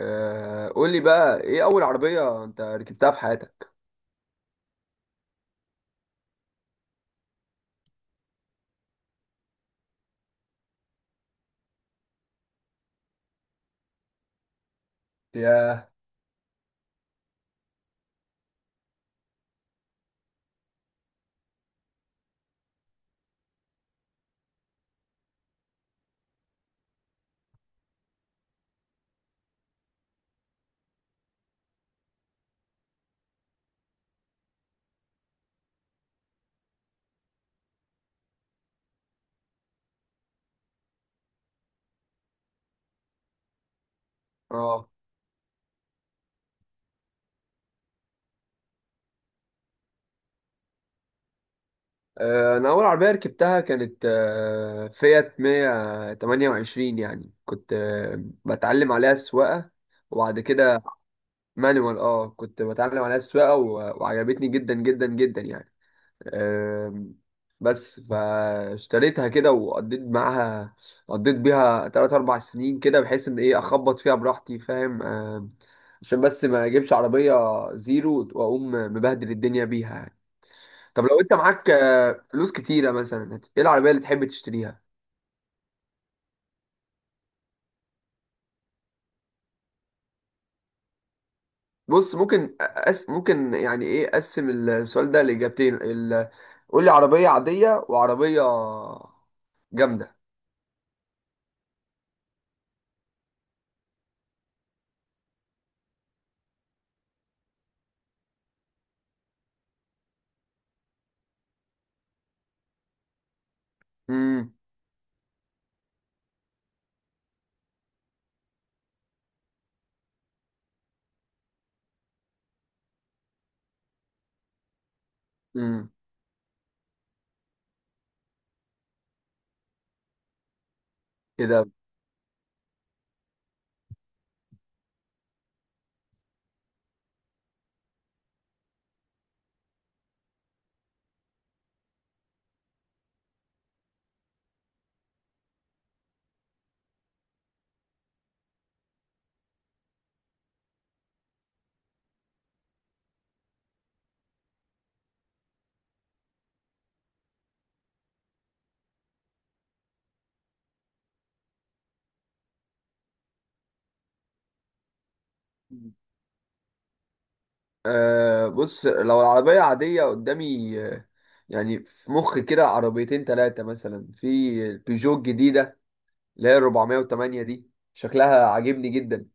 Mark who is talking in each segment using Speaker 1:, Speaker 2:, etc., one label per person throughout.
Speaker 1: قول لي بقى، ايه اول عربية انت ركبتها في حياتك؟ ياه. اه. انا اول عربية ركبتها كانت فيات 128، يعني كنت بتعلم عليها السواقة وبعد كده. مانوال. اه، كنت بتعلم عليها السواقة وعجبتني جدا جدا جدا يعني. آم، بس فاشتريتها كده وقضيت معاها. قضيت بيها تلات أربع سنين كده، بحيث إن إيه أخبط فيها براحتي، فاهم؟ عشان بس ما أجيبش عربية زيرو وأقوم مبهدل الدنيا بيها يعني. طب لو أنت معاك فلوس كتيرة مثلا، إيه العربية اللي تحب تشتريها؟ بص، ممكن، يعني إيه، أقسم السؤال ده لإجابتين. قول لي عربية عادية وعربية جامدة. امم. امم. كده. أه، بص. لو العربية عادية قدامي، يعني في مخ كده عربيتين تلاتة مثلا. في البيجو الجديدة اللي هي 408، دي شكلها عاجبني جدا.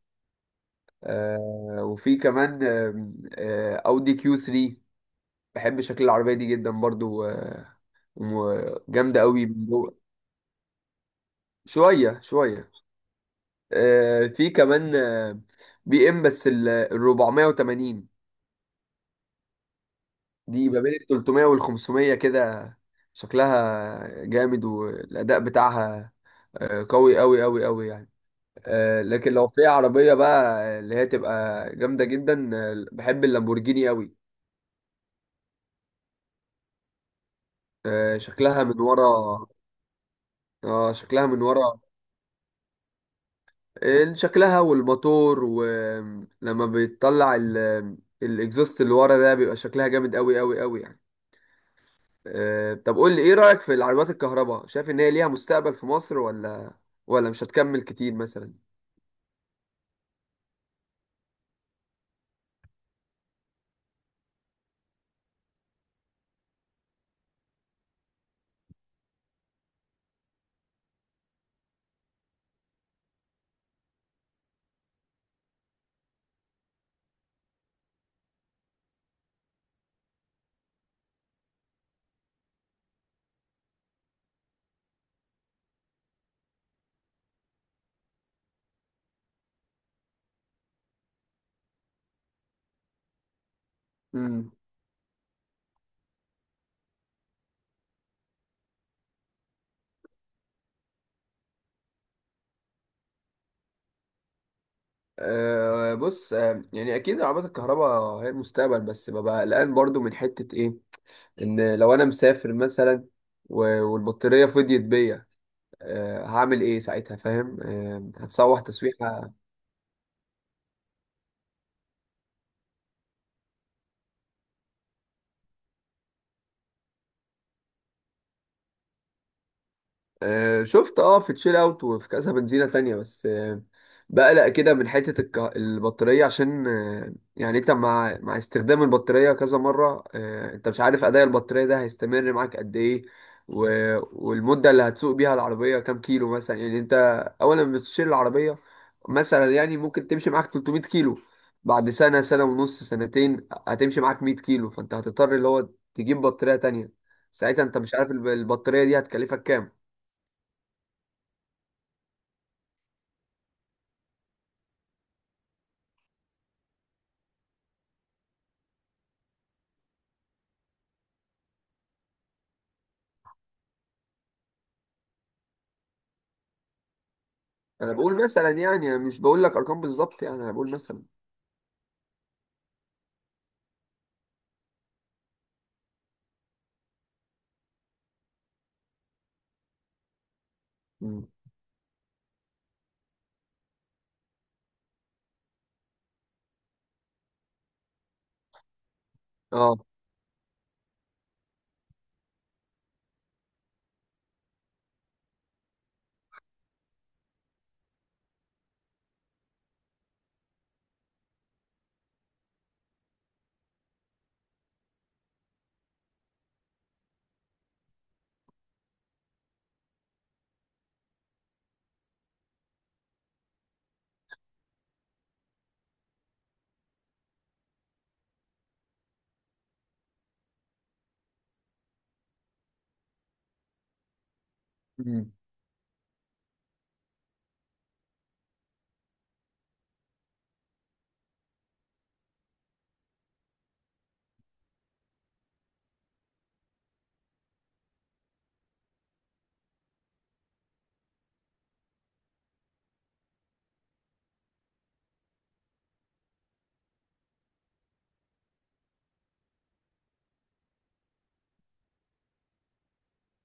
Speaker 1: أه، وفي كمان أودي كيو 3. بحب شكل العربية دي جدا برضو، وجامدة قوي من جوه. شوية شوية. أه، في كمان بي ام، بس ال 480. دي ما بين ال 300 وال 500 كده. شكلها جامد والأداء بتاعها قوي قوي قوي قوي يعني. لكن لو في عربية بقى اللي هي تبقى جامدة جدا، بحب اللامبورجيني قوي. شكلها من ورا. اه، شكلها من ورا. شكلها والموتور، ولما بيطلع الاكزوست اللي ورا ده، بيبقى شكلها جامد قوي قوي قوي. طب قول لي، ايه رأيك في العربيات الكهرباء؟ شايف ان هي ليها مستقبل في مصر، ولا مش هتكمل كتير مثلا؟ امم. أه، بص. يعني اكيد العربيات الكهرباء هي المستقبل، بس ببقى قلقان برضو من حتة ايه. ان لو انا مسافر مثلا والبطارية فضيت بيا، أه هعمل ايه ساعتها؟ فاهم؟ أه، هتسوح تسويحة. شفت، اه، في تشيل اوت وفي كذا بنزينة تانية. بس بقلق كده من حتة البطارية. عشان يعني انت مع استخدام البطارية كذا مرة، انت مش عارف اداء البطارية ده هيستمر معاك قد ايه. و... والمدة اللي هتسوق بيها العربية كام كيلو مثلا، يعني انت اول ما بتشيل العربية مثلا، يعني ممكن تمشي معاك 300 كيلو. بعد سنة، سنة ونص، سنتين، هتمشي معاك 100 كيلو، فانت هتضطر اللي هو تجيب بطارية تانية. ساعتها انت مش عارف البطارية دي هتكلفك كام. انا بقول مثلا، يعني مش بقول لك ارقام بالظبط، يعني انا بقول مثلا. مم. اه. مم.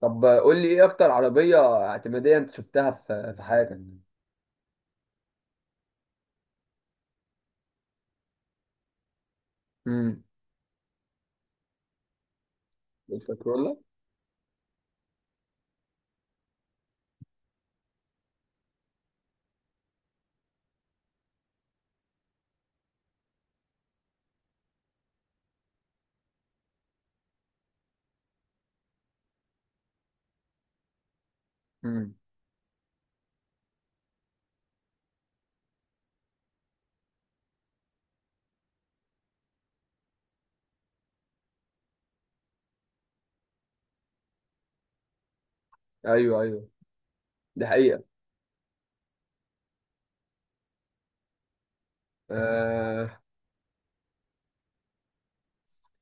Speaker 1: طب قول لي ايه اكتر عربية اعتمادية انت شفتها في حياتك؟ امم. الكورولا. امم. ايوه، ايوه. دي حقيقة.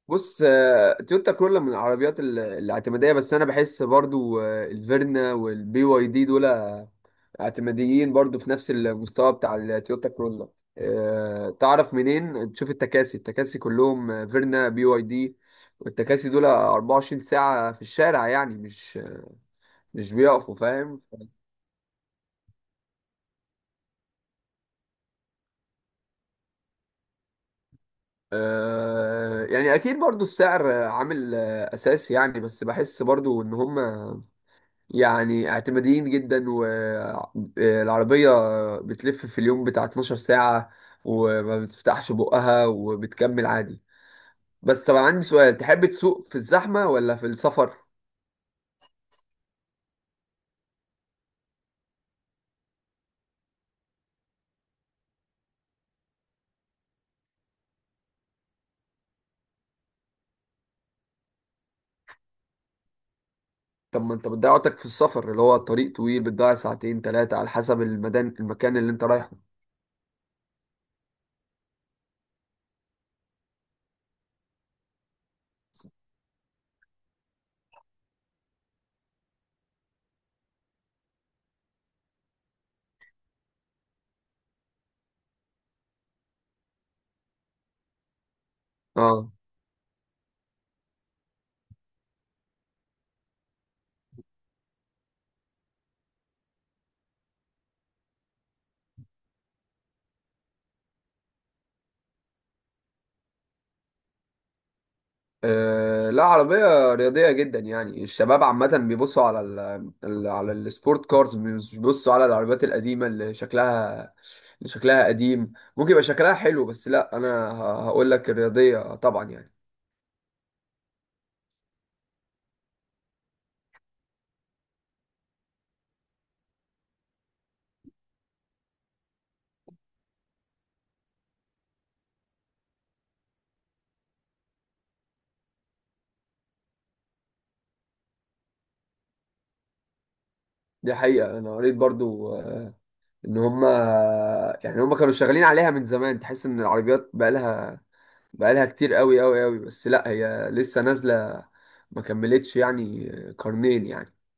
Speaker 1: بص، تويوتا كرولا من العربيات الاعتمادية، بس أنا بحس برضو الفيرنا والبي واي دي دول اعتماديين برضو في نفس المستوى بتاع التويوتا كرولا. تعرف منين؟ تشوف التكاسي. كلهم فيرنا، بي واي دي. والتكاسي دول 24 ساعة في الشارع، يعني مش بيقفوا، فاهم؟ يعني أكيد برضو السعر عامل أساسي يعني، بس بحس برضو إن هم يعني اعتماديين جدا، والعربية بتلف في اليوم بتاع 12 ساعة وما بتفتحش بقها وبتكمل عادي. بس طب أنا عندي سؤال، تحب تسوق في الزحمة ولا في السفر؟ طب ما انت بتضيع وقتك في السفر، اللي هو الطريق طويل، بتضيع ساعتين تلاتة على حسب المكان اللي انت رايحه. اه، لا، عربية رياضية جدا. يعني الشباب عامة بيبصوا على على السبورت كارز، مش بيبصوا على العربيات القديمة اللي شكلها، اللي شكلها قديم، ممكن يبقى شكلها حلو، بس لا، أنا هقول لك الرياضية طبعا يعني. دي حقيقة. أنا قريت برضو إن هما يعني هما كانوا شغالين عليها من زمان. تحس إن العربيات بقالها كتير قوي قوي قوي، بس لا هي لسه نازلة، ما كملتش يعني قرنين يعني.